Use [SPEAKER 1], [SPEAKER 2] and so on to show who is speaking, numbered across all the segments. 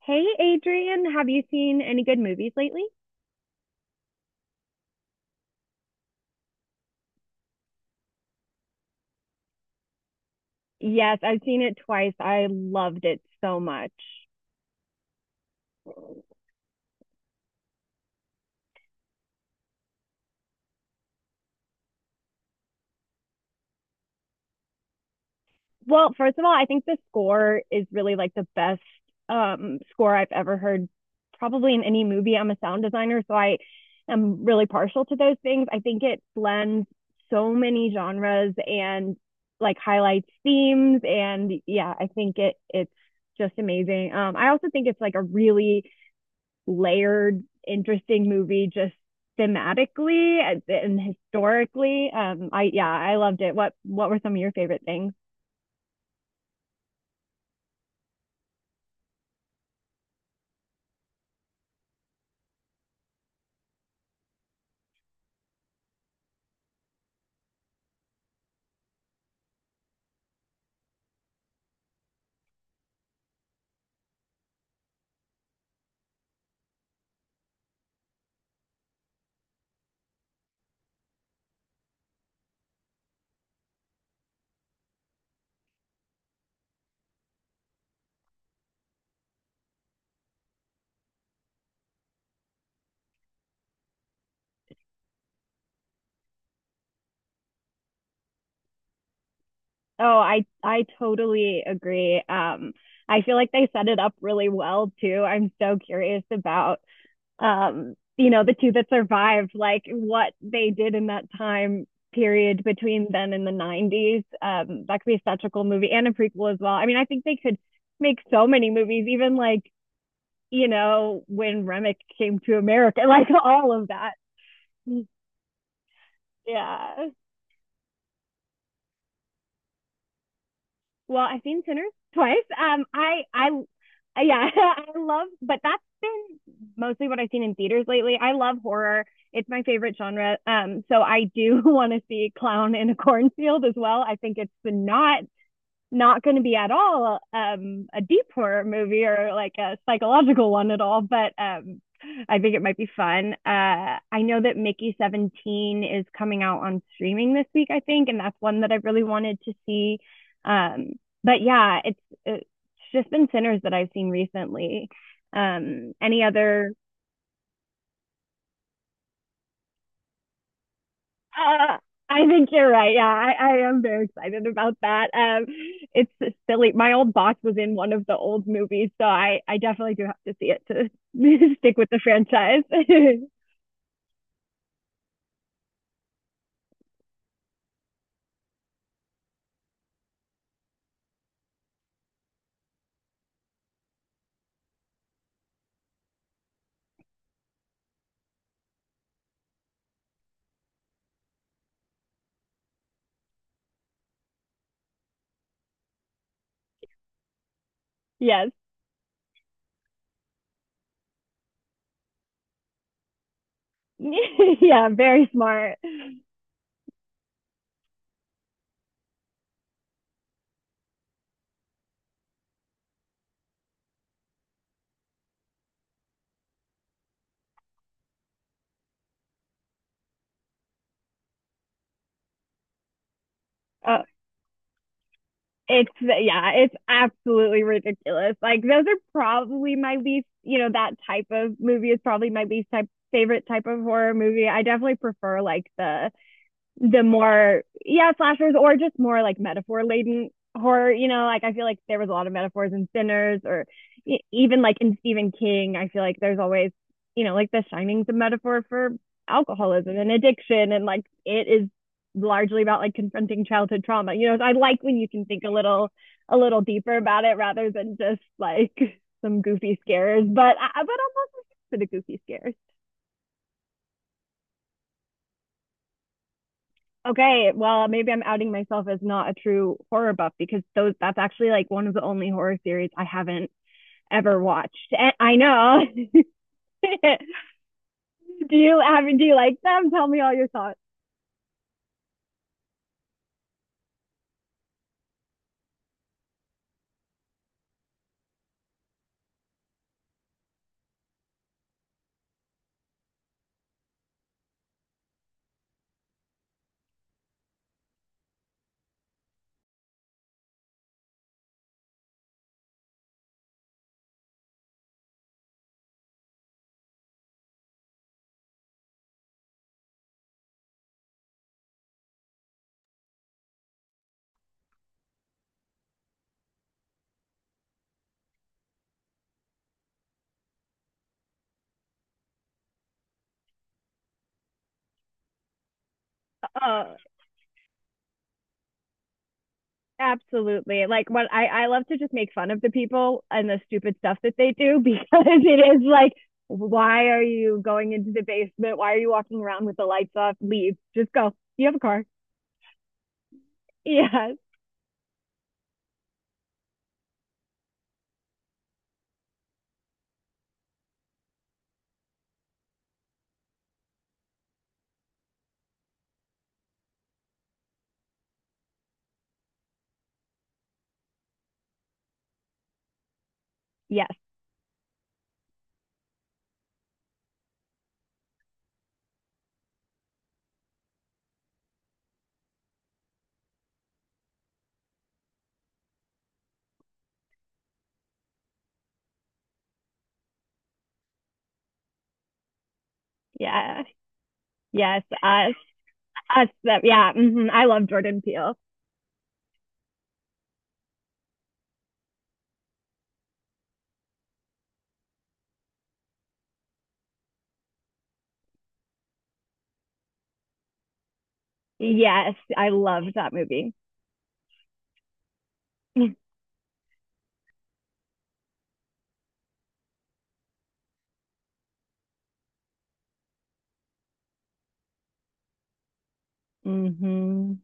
[SPEAKER 1] Hey, Adrian, have you seen any good movies lately? Yes, I've seen it twice. I loved it so much. Well, first of all, I think the score is really like the best score I've ever heard, probably in any movie. I'm a sound designer, so I am really partial to those things. I think it blends so many genres and like highlights themes. And yeah, I think it's just amazing. I also think it's like a really layered, interesting movie just thematically and historically. I yeah, I loved it. What were some of your favorite things? Oh, I totally agree. I feel like they set it up really well too. I'm so curious about you know, the two that survived, like what they did in that time period between then and the 90s. That could be such a cool movie and a prequel as well. I mean, I think they could make so many movies, even like you know, when Remick came to America, like all of that. Yeah. Well, I've seen Sinners twice. Yeah, I love, but that's been mostly what I've seen in theaters lately. I love horror. It's my favorite genre. So I do want to see Clown in a Cornfield as well. I think it's not going to be at all a deep horror movie or like a psychological one at all, but I think it might be fun. I know that Mickey 17 is coming out on streaming this week, I think, and that's one that I really wanted to see. Um, but yeah, it's just been Sinners that I've seen recently. Any other Uh, I think you're right. Yeah, I am very excited about that. It's silly. My old boss was in one of the old movies, so I definitely do have to see it to stick with the franchise. yes. yeah, very smart. Uh, it's yeah, it's absolutely ridiculous. Like those are probably my least, you know, that type of movie is probably my least type favorite type of horror movie. I definitely prefer like the more yeah slashers or just more like metaphor laden horror, you know, like I feel like there was a lot of metaphors in Sinners or even like in Stephen King, I feel like there's always, you know, like the Shining's a metaphor for alcoholism and addiction and like it is largely about like confronting childhood trauma, you know. So I like when you can think a little deeper about it rather than just like some goofy scares, but I'm also for the goofy scares. Okay, well, maybe I'm outing myself as not a true horror buff because those that's actually like one of the only horror series I haven't ever watched. And I know. do do you like them? Tell me all your thoughts. Oh, absolutely. Like what I love to just make fun of the people and the stupid stuff that they do because it is like why are you going into the basement? Why are you walking around with the lights off? Leave. Just go. You have a car. Yes. Yes. Yeah. Yes. Us, that, yeah. hmm I love Jordan Peele. Yes, I loved that movie. Mm hmm.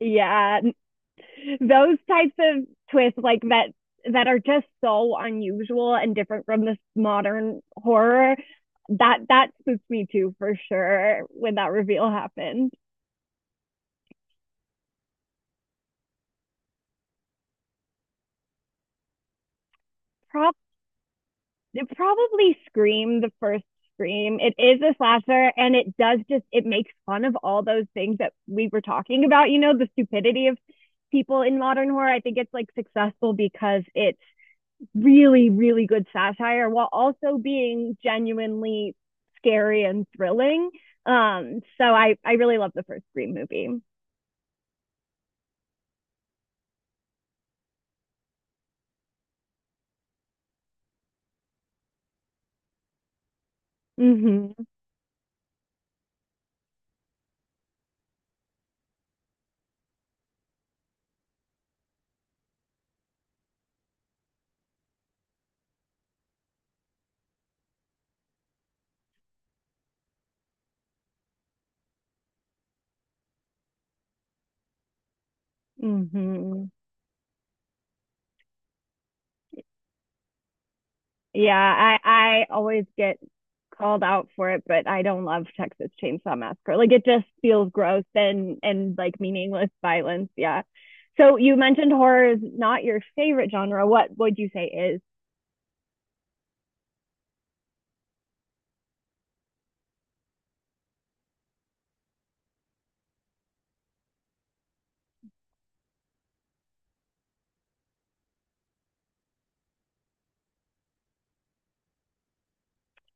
[SPEAKER 1] Yeah, those types of twists, like that, that are just so unusual and different from this modern horror. That spooked me too, for sure, when that reveal happened. Probably it probably Scream, the first Scream. It is a slasher and it does just, it makes fun of all those things that we were talking about, you know, the stupidity of people in modern horror. I think it's like successful because it's really, really good satire while also being genuinely scary and thrilling. So I really love the first Scream movie. Mm-hmm. Mm-hmm. Yeah, I always get called out for it, but I don't love Texas Chainsaw Massacre. Like it just feels gross and like meaningless violence. Yeah. So you mentioned horror is not your favorite genre. What would you say is?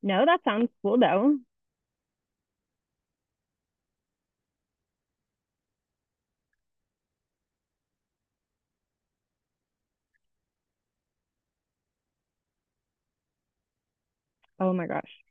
[SPEAKER 1] No, that sounds cool though. Oh my gosh.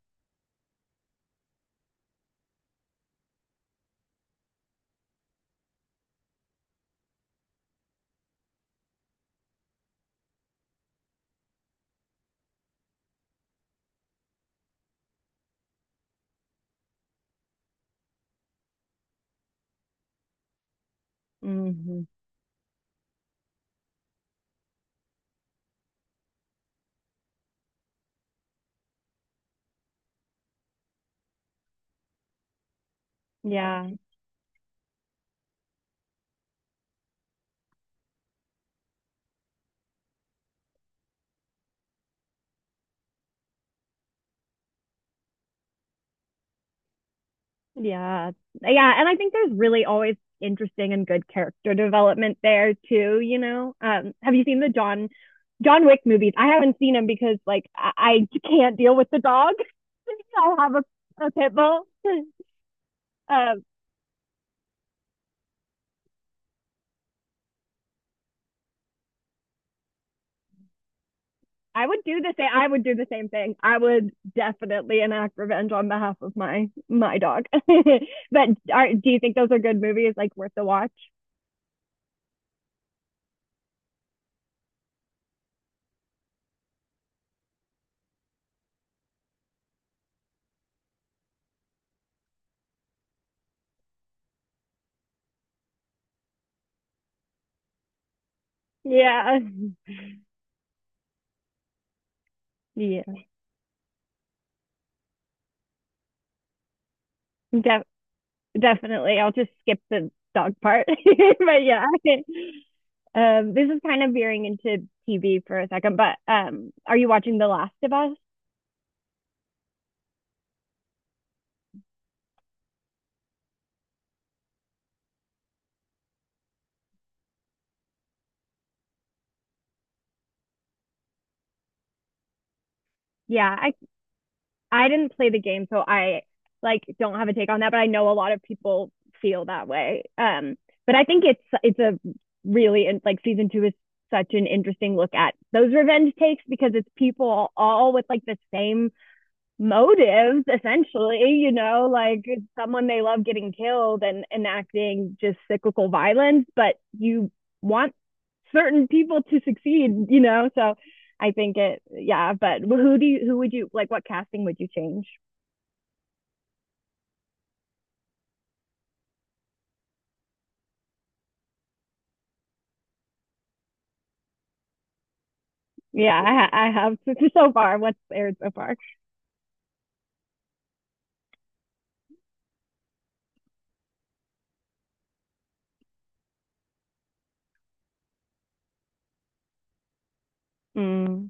[SPEAKER 1] Hmm. Yeah. Yeah. Yeah. And I think there's really always interesting and good character development there too, you know. Have you seen the John Wick movies? I haven't seen them because like I can't deal with the dog. I will have a pit bull. Um, I would do the same. I would do the same thing. I would definitely enact revenge on behalf of my dog. but are, do you think those are good movies? Like worth the watch? Yeah, yeah, def- definitely. I'll just skip the dog part. but yeah, this is kind of veering into TV for a second. But are you watching The Last of Us? Yeah, I didn't play the game, so I like don't have a take on that, but I know a lot of people feel that way. But I think it's a really like season two is such an interesting look at those revenge takes because it's people all with like the same motives, essentially, you know, like someone they love getting killed and enacting just cyclical violence, but you want certain people to succeed, you know. So I think it yeah, but who would you like what casting would you change? yeah i, I have so far what's aired so far. Mm,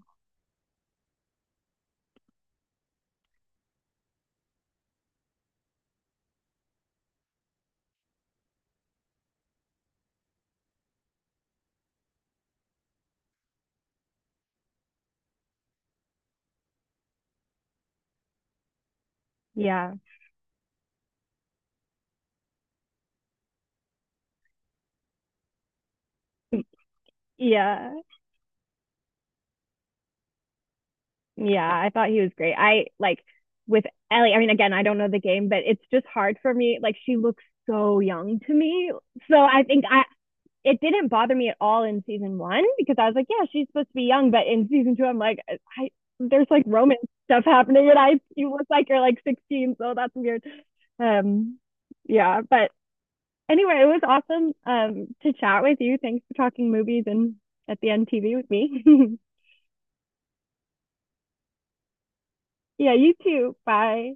[SPEAKER 1] yeah, yeah. Yeah, I thought he was great. I like with Ellie, I mean, again, I don't know the game, but it's just hard for me. Like, she looks so young to me. So I think it didn't bother me at all in season one because I was like, yeah, she's supposed to be young. But in season two, I'm like, I, there's like Roman stuff happening and I, you look like you're like 16. So that's weird. Um, yeah. But anyway, it was awesome to chat with you. Thanks for talking movies and at the end TV with me. yeah, you too. Bye.